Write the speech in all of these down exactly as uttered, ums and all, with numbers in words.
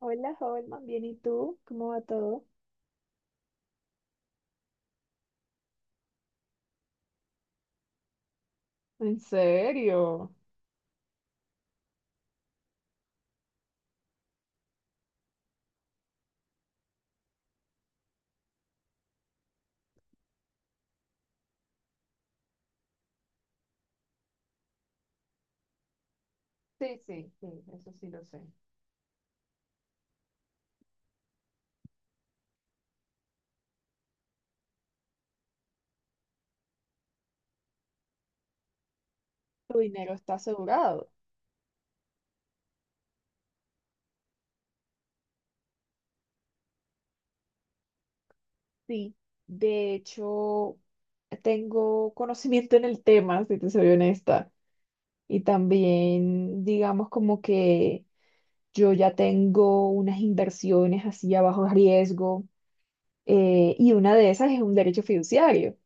Hola, Holman, bien, ¿y tú? ¿Cómo va todo? ¿En serio? Sí, sí, sí, eso sí lo sé. ¿Tu dinero está asegurado? Sí, de hecho, tengo conocimiento en el tema, si te soy honesta. Y también, digamos, como que yo ya tengo unas inversiones así a bajo riesgo, eh, y una de esas es un derecho fiduciario.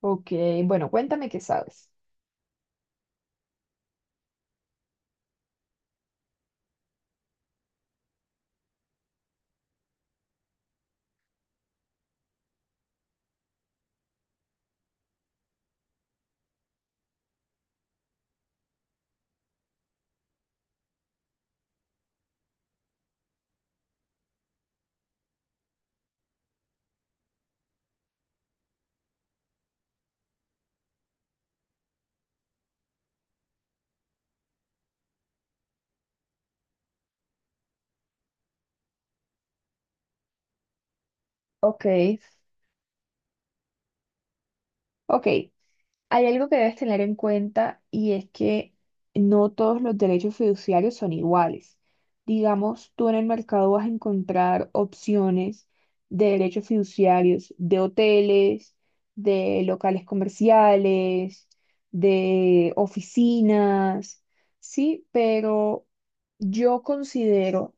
Ok, bueno, cuéntame qué sabes. Ok, ok. Hay algo que debes tener en cuenta y es que no todos los derechos fiduciarios son iguales. Digamos, tú en el mercado vas a encontrar opciones de derechos fiduciarios de hoteles, de locales comerciales, de oficinas, sí, pero yo considero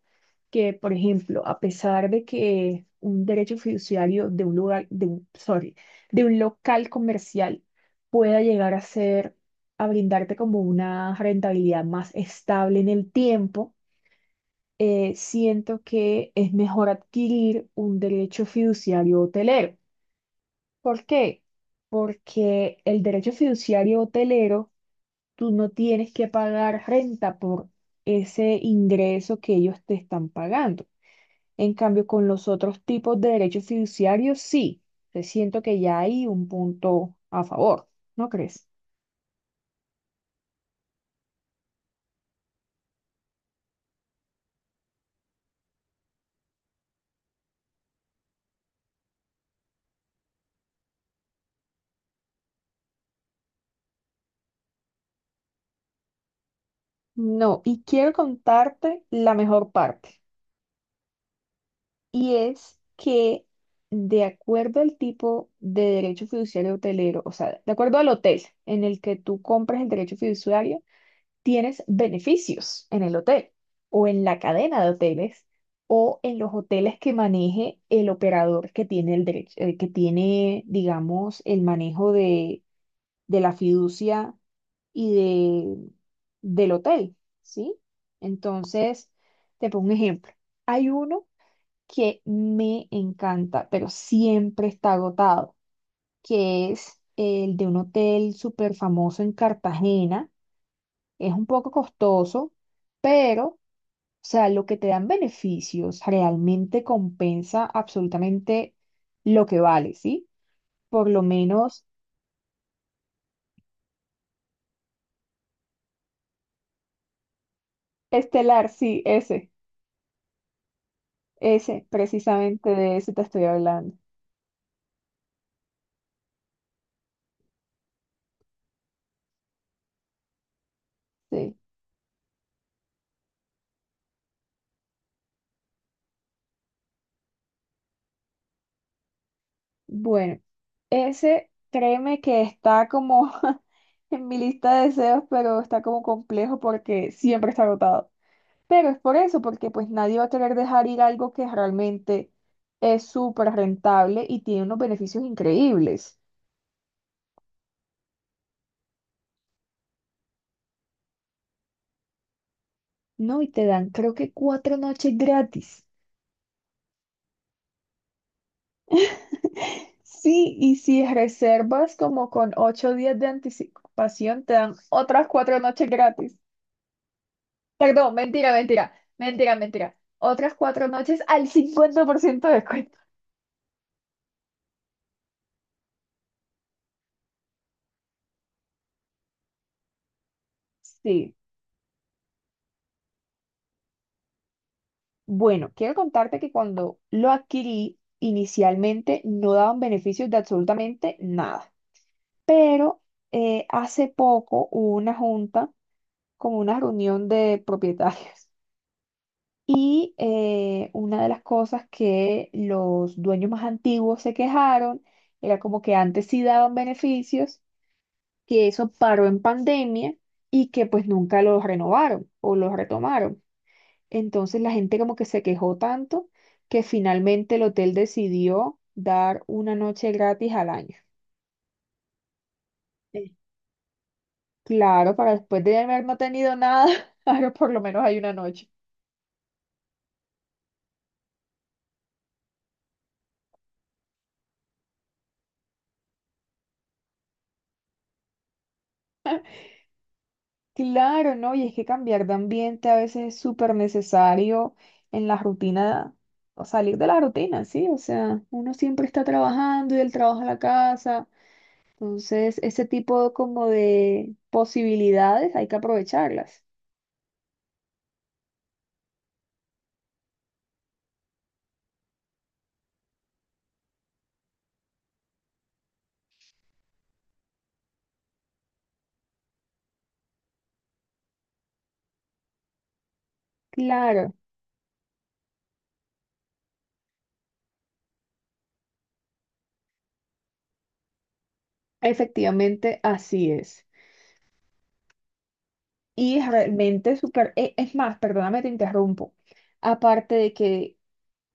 que, por ejemplo, a pesar de que un derecho fiduciario de un lugar, de un, sorry, de un local comercial, pueda llegar a ser, a brindarte como una rentabilidad más estable en el tiempo, eh, siento que es mejor adquirir un derecho fiduciario hotelero. ¿Por qué? Porque el derecho fiduciario hotelero, tú no tienes que pagar renta por ese ingreso que ellos te están pagando. En cambio, con los otros tipos de derechos fiduciarios, sí, te siento que ya hay un punto a favor, ¿no crees? No, y quiero contarte la mejor parte, y es que de acuerdo al tipo de derecho fiduciario hotelero, o sea, de acuerdo al hotel en el que tú compras el derecho fiduciario, tienes beneficios en el hotel o en la cadena de hoteles o en los hoteles que maneje el operador que tiene el derecho, eh, que tiene, digamos, el manejo de, de la fiducia y de, del hotel, ¿sí? Entonces, te pongo un ejemplo. Hay uno que me encanta, pero siempre está agotado, que es el de un hotel súper famoso en Cartagena. Es un poco costoso, pero, o sea, lo que te dan beneficios realmente compensa absolutamente lo que vale, ¿sí? Por lo menos, Estelar, sí, ese, ese, precisamente de ese te estoy hablando. Sí. Bueno, ese créeme que está como en mi lista de deseos, pero está como complejo porque siempre está agotado. Pero es por eso, porque pues nadie va a querer dejar ir algo que realmente es súper rentable y tiene unos beneficios increíbles. No, y te dan creo que cuatro noches gratis. Sí, y si reservas como con ocho días de anticipación, te dan otras cuatro noches gratis. Perdón, mentira, mentira, mentira, mentira. Otras cuatro noches al cincuenta por ciento de descuento. Sí. Bueno, quiero contarte que cuando lo adquirí, inicialmente no daban beneficios de absolutamente nada. Pero eh, hace poco hubo una junta, como una reunión de propietarios. Y eh, una de las cosas que los dueños más antiguos se quejaron era como que antes sí daban beneficios, que eso paró en pandemia y que pues nunca los renovaron o los retomaron. Entonces la gente como que se quejó tanto que finalmente el hotel decidió dar una noche gratis al año. Sí. Claro, para después de haber no tenido nada, ahora por lo menos hay una noche. Claro, ¿no? Y es que cambiar de ambiente a veces es súper necesario en la rutina, o salir de la rutina, ¿sí? O sea, uno siempre está trabajando y del trabajo a la casa. Entonces, ese tipo como de posibilidades hay que aprovecharlas. Claro, efectivamente así es. Y es realmente súper, e- es más, perdóname, te interrumpo. Aparte de que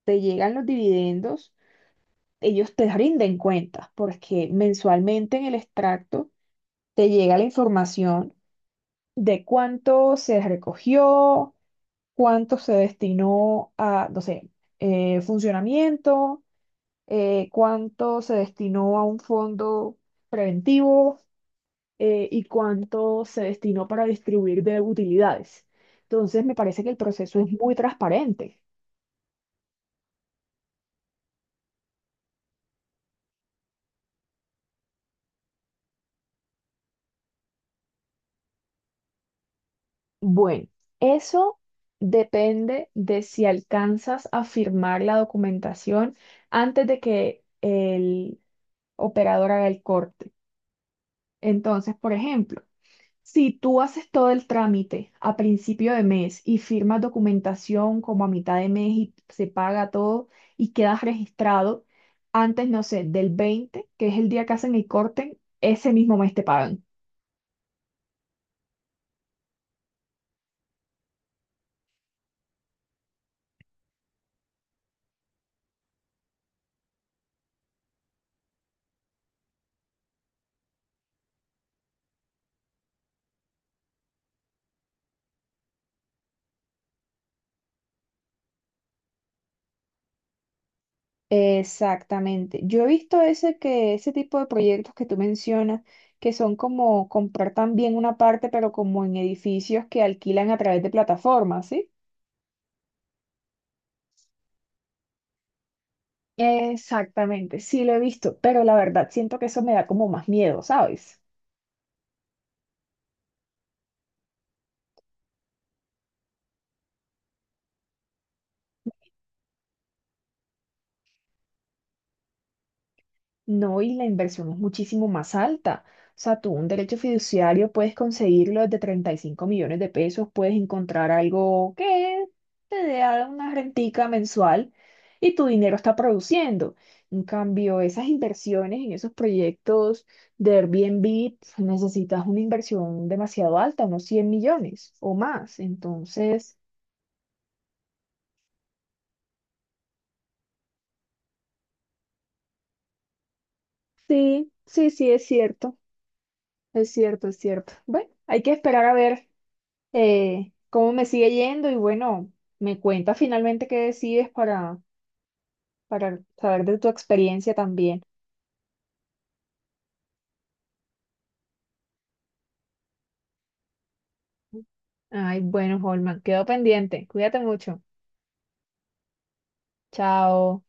te llegan los dividendos, ellos te rinden cuentas, porque mensualmente en el extracto te llega la información de cuánto se recogió, cuánto se destinó a, no sé, eh, funcionamiento, eh, cuánto se destinó a un fondo preventivo, eh, y cuánto se destinó para distribuir de utilidades. Entonces, me parece que el proceso es muy transparente. Bueno, eso depende de si alcanzas a firmar la documentación antes de que el operador haga el corte. Entonces, por ejemplo, si tú haces todo el trámite a principio de mes y firmas documentación como a mitad de mes y se paga todo y quedas registrado, antes, no sé, del veinte que es el día que hacen el corte, ese mismo mes te pagan. Exactamente. Yo he visto ese, que ese tipo de proyectos que tú mencionas, que son como comprar también una parte, pero como en edificios que alquilan a través de plataformas, ¿sí? Exactamente, sí lo he visto, pero la verdad siento que eso me da como más miedo, ¿sabes? No, y la inversión es muchísimo más alta. O sea, tú un derecho fiduciario puedes conseguirlo desde treinta y cinco millones de pesos, puedes encontrar algo que te dé a- una rentica mensual y tu dinero está produciendo. En cambio, esas inversiones en esos proyectos de Airbnb, pf, necesitas una inversión demasiado alta, unos cien millones o más. Entonces, sí, sí, sí, es cierto, es cierto, es cierto. Bueno, hay que esperar a ver. Eh, cómo me sigue yendo y bueno, me cuenta finalmente qué decides para, para saber de tu experiencia también. Ay, bueno, Holman, quedo pendiente. Cuídate mucho. Chao.